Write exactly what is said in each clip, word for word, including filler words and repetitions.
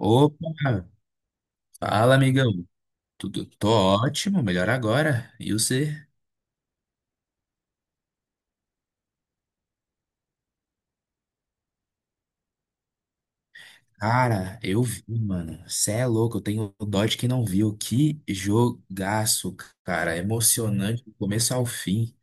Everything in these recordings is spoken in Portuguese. Opa, fala amigão. Tudo, tô ótimo, melhor agora. E você? Cara, eu vi, mano. Cê é louco, eu tenho dó de quem não viu. Que jogaço, cara. Emocionante do começo ao fim.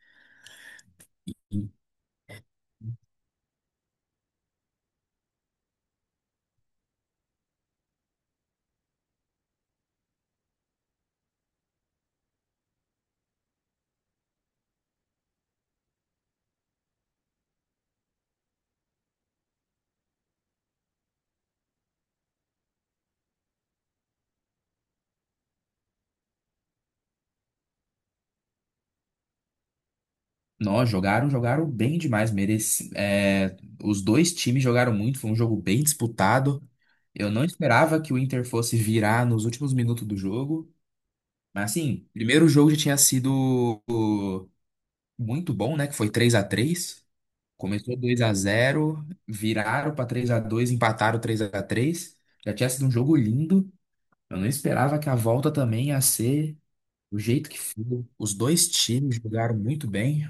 Nós jogaram, jogaram bem demais. Mereci, é, os dois times jogaram muito, foi um jogo bem disputado. Eu não esperava que o Inter fosse virar nos últimos minutos do jogo. Mas assim, primeiro jogo já tinha sido muito bom, né? Que foi três a três. Começou dois a zero, viraram para três a dois, empataram três a três. Já tinha sido um jogo lindo. Eu não esperava que a volta também ia ser do jeito que foi. Os dois times jogaram muito bem.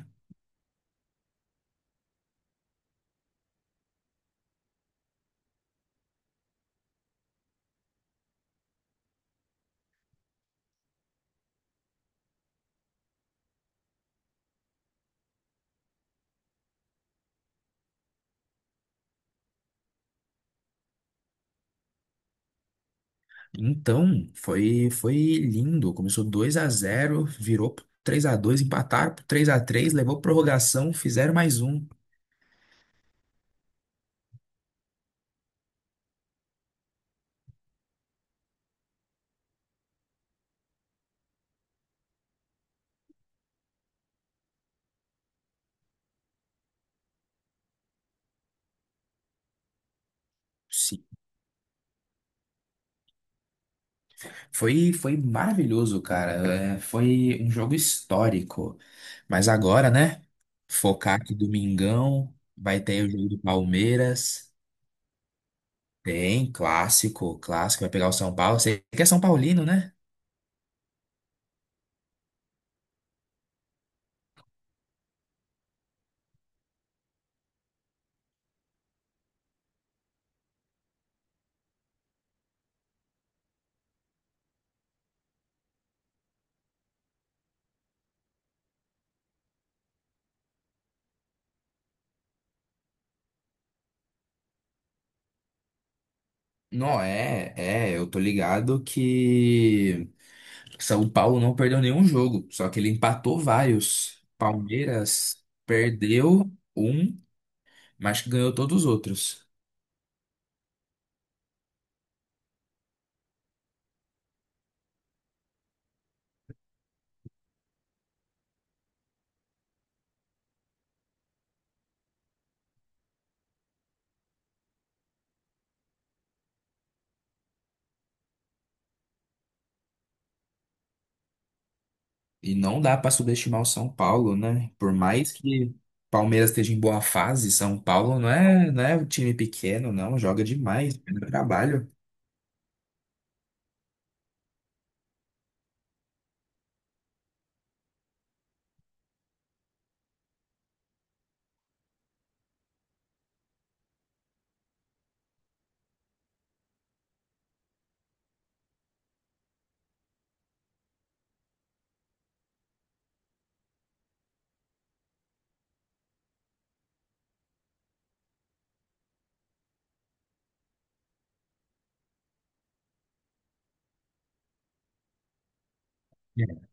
Então, foi foi lindo. Começou dois a zero, virou três a dois, empataram três a três, levou prorrogação, fizeram mais um. Foi, foi maravilhoso, cara. É, foi um jogo histórico. Mas agora, né? Focar que Domingão vai ter o jogo do Palmeiras. Tem clássico, clássico. Vai pegar o São Paulo. Você que é São Paulino, né? Não, é, é, eu tô ligado que São Paulo não perdeu nenhum jogo, só que ele empatou vários. Palmeiras perdeu um, mas que ganhou todos os outros. E não dá para subestimar o São Paulo, né? Por mais que Palmeiras esteja em boa fase, São Paulo não é, não é um time pequeno, não. Joga demais, pelo trabalho. É.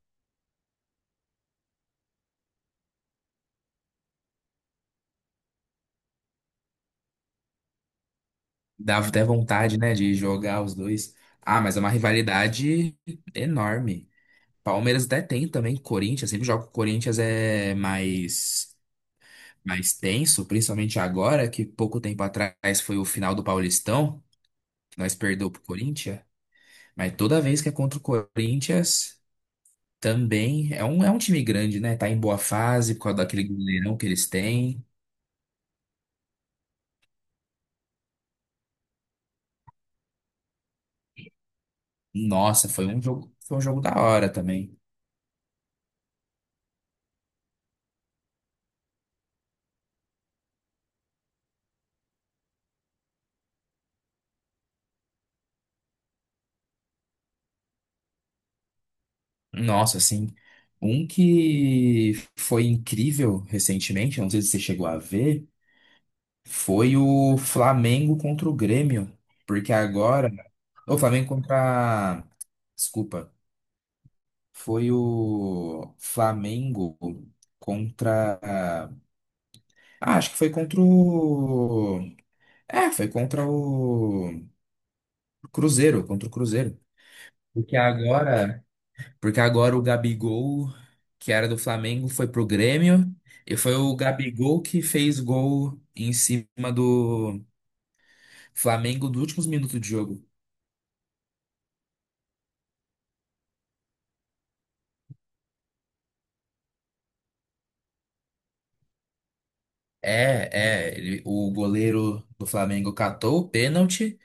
Dá até vontade, né, de jogar os dois. Ah, mas é uma rivalidade enorme. Palmeiras até tem também, Corinthians, sempre joga com o Corinthians é mais mais tenso, principalmente agora, que pouco tempo atrás foi o final do Paulistão, que nós perdeu pro Corinthians, mas toda vez que é contra o Corinthians, também é um, é um time grande, né? Tá em boa fase por causa daquele goleirão que eles têm. Nossa, foi um jogo, foi um jogo da hora também. Nossa, assim, um que foi incrível recentemente, não sei se você chegou a ver, foi o Flamengo contra o Grêmio, porque agora o Flamengo contra, desculpa, foi o Flamengo contra, ah, acho que foi contra o, é, foi contra o Cruzeiro, contra o Cruzeiro. Porque agora. Porque agora o Gabigol, que era do Flamengo, foi pro Grêmio. E foi o Gabigol que fez gol em cima do Flamengo nos últimos minutos de jogo. É, é, ele- o goleiro do Flamengo catou o pênalti,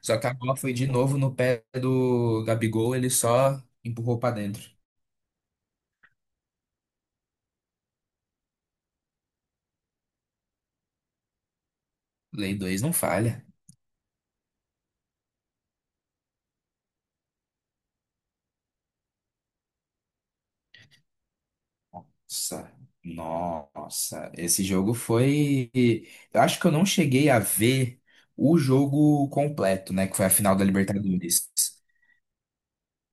só que a bola foi de novo no pé do Gabigol, ele só empurrou pra dentro. Lei dois não falha. Nossa, nossa, esse jogo foi. Eu acho que eu não cheguei a ver o jogo completo, né? Que foi a final da Libertadores.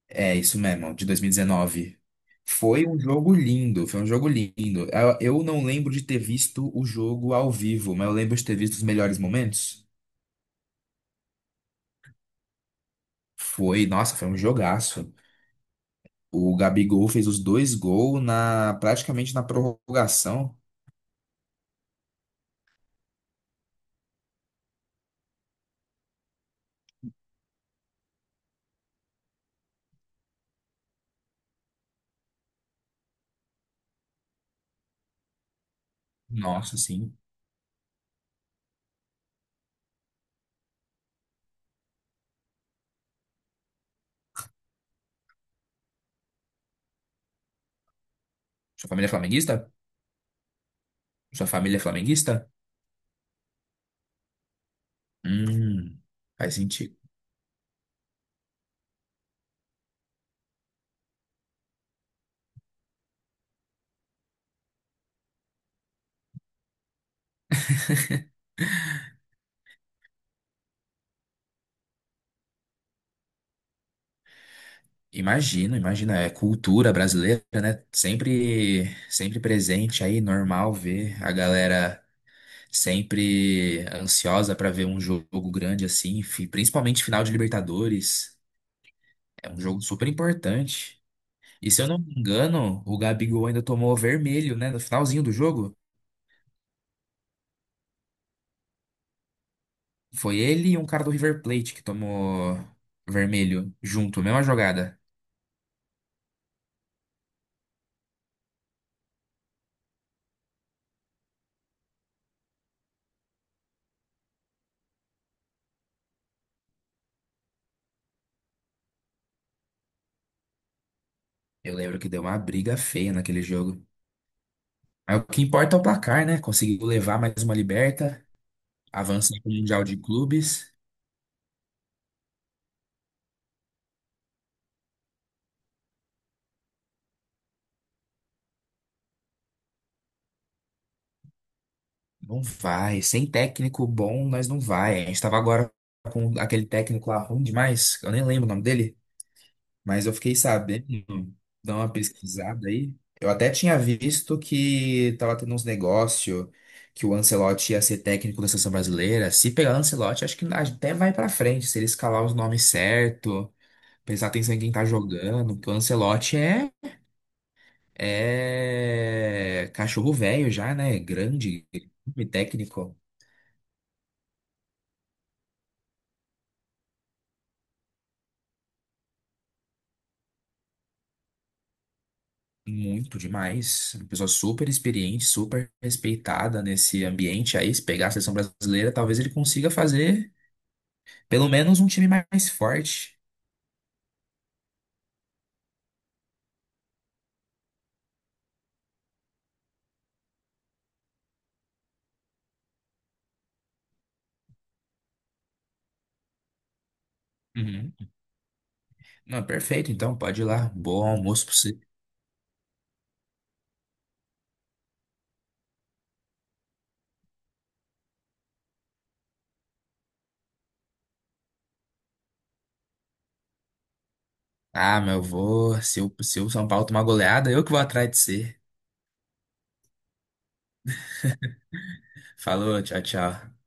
É, isso mesmo, de dois mil e dezenove. Foi um jogo lindo, foi um jogo lindo. Eu, eu não lembro de ter visto o jogo ao vivo, mas eu lembro de ter visto os melhores momentos. Foi, nossa, foi um jogaço. O Gabigol fez os dois gols na, praticamente na prorrogação. Nossa, sim. Sua família é flamenguista? Sua família é flamenguista? Hum, faz sentido. Imagino, imagina, é cultura brasileira, né? Sempre, sempre presente aí, normal ver a galera sempre ansiosa pra ver um jogo grande assim, fi- principalmente final de Libertadores. É um jogo super importante. E se eu não me engano, o Gabigol ainda tomou vermelho, né? No finalzinho do jogo, foi ele e um cara do River Plate que tomou vermelho junto, mesma jogada. Eu lembro que deu uma briga feia naquele jogo. Aí o que importa é o placar, né? Conseguiu levar mais uma liberta, avança para o Mundial de Clubes. Não vai. Sem técnico bom, nós não vai. A gente tava agora com aquele técnico lá ruim demais, eu nem lembro o nome dele, mas eu fiquei sabendo, dá uma pesquisada aí. Eu até tinha visto que tava tendo uns negócios, que o Ancelotti ia ser técnico da seleção brasileira. Se pegar o Ancelotti, acho que até vai pra frente, se ele escalar os nomes certo, prestar atenção em quem tá jogando, porque o Ancelotti é. É cachorro velho já, né? Grande, e técnico, muito demais. Uma pessoa super experiente, super respeitada nesse ambiente aí. Se pegar a seleção brasileira, talvez ele consiga fazer pelo menos um time mais forte. Uhum. Não, perfeito, então pode ir lá. Bom almoço pra você. Ah, meu, eu vou. Se o, se o São Paulo tomar goleada, eu que vou atrás de você. Falou, tchau, tchau.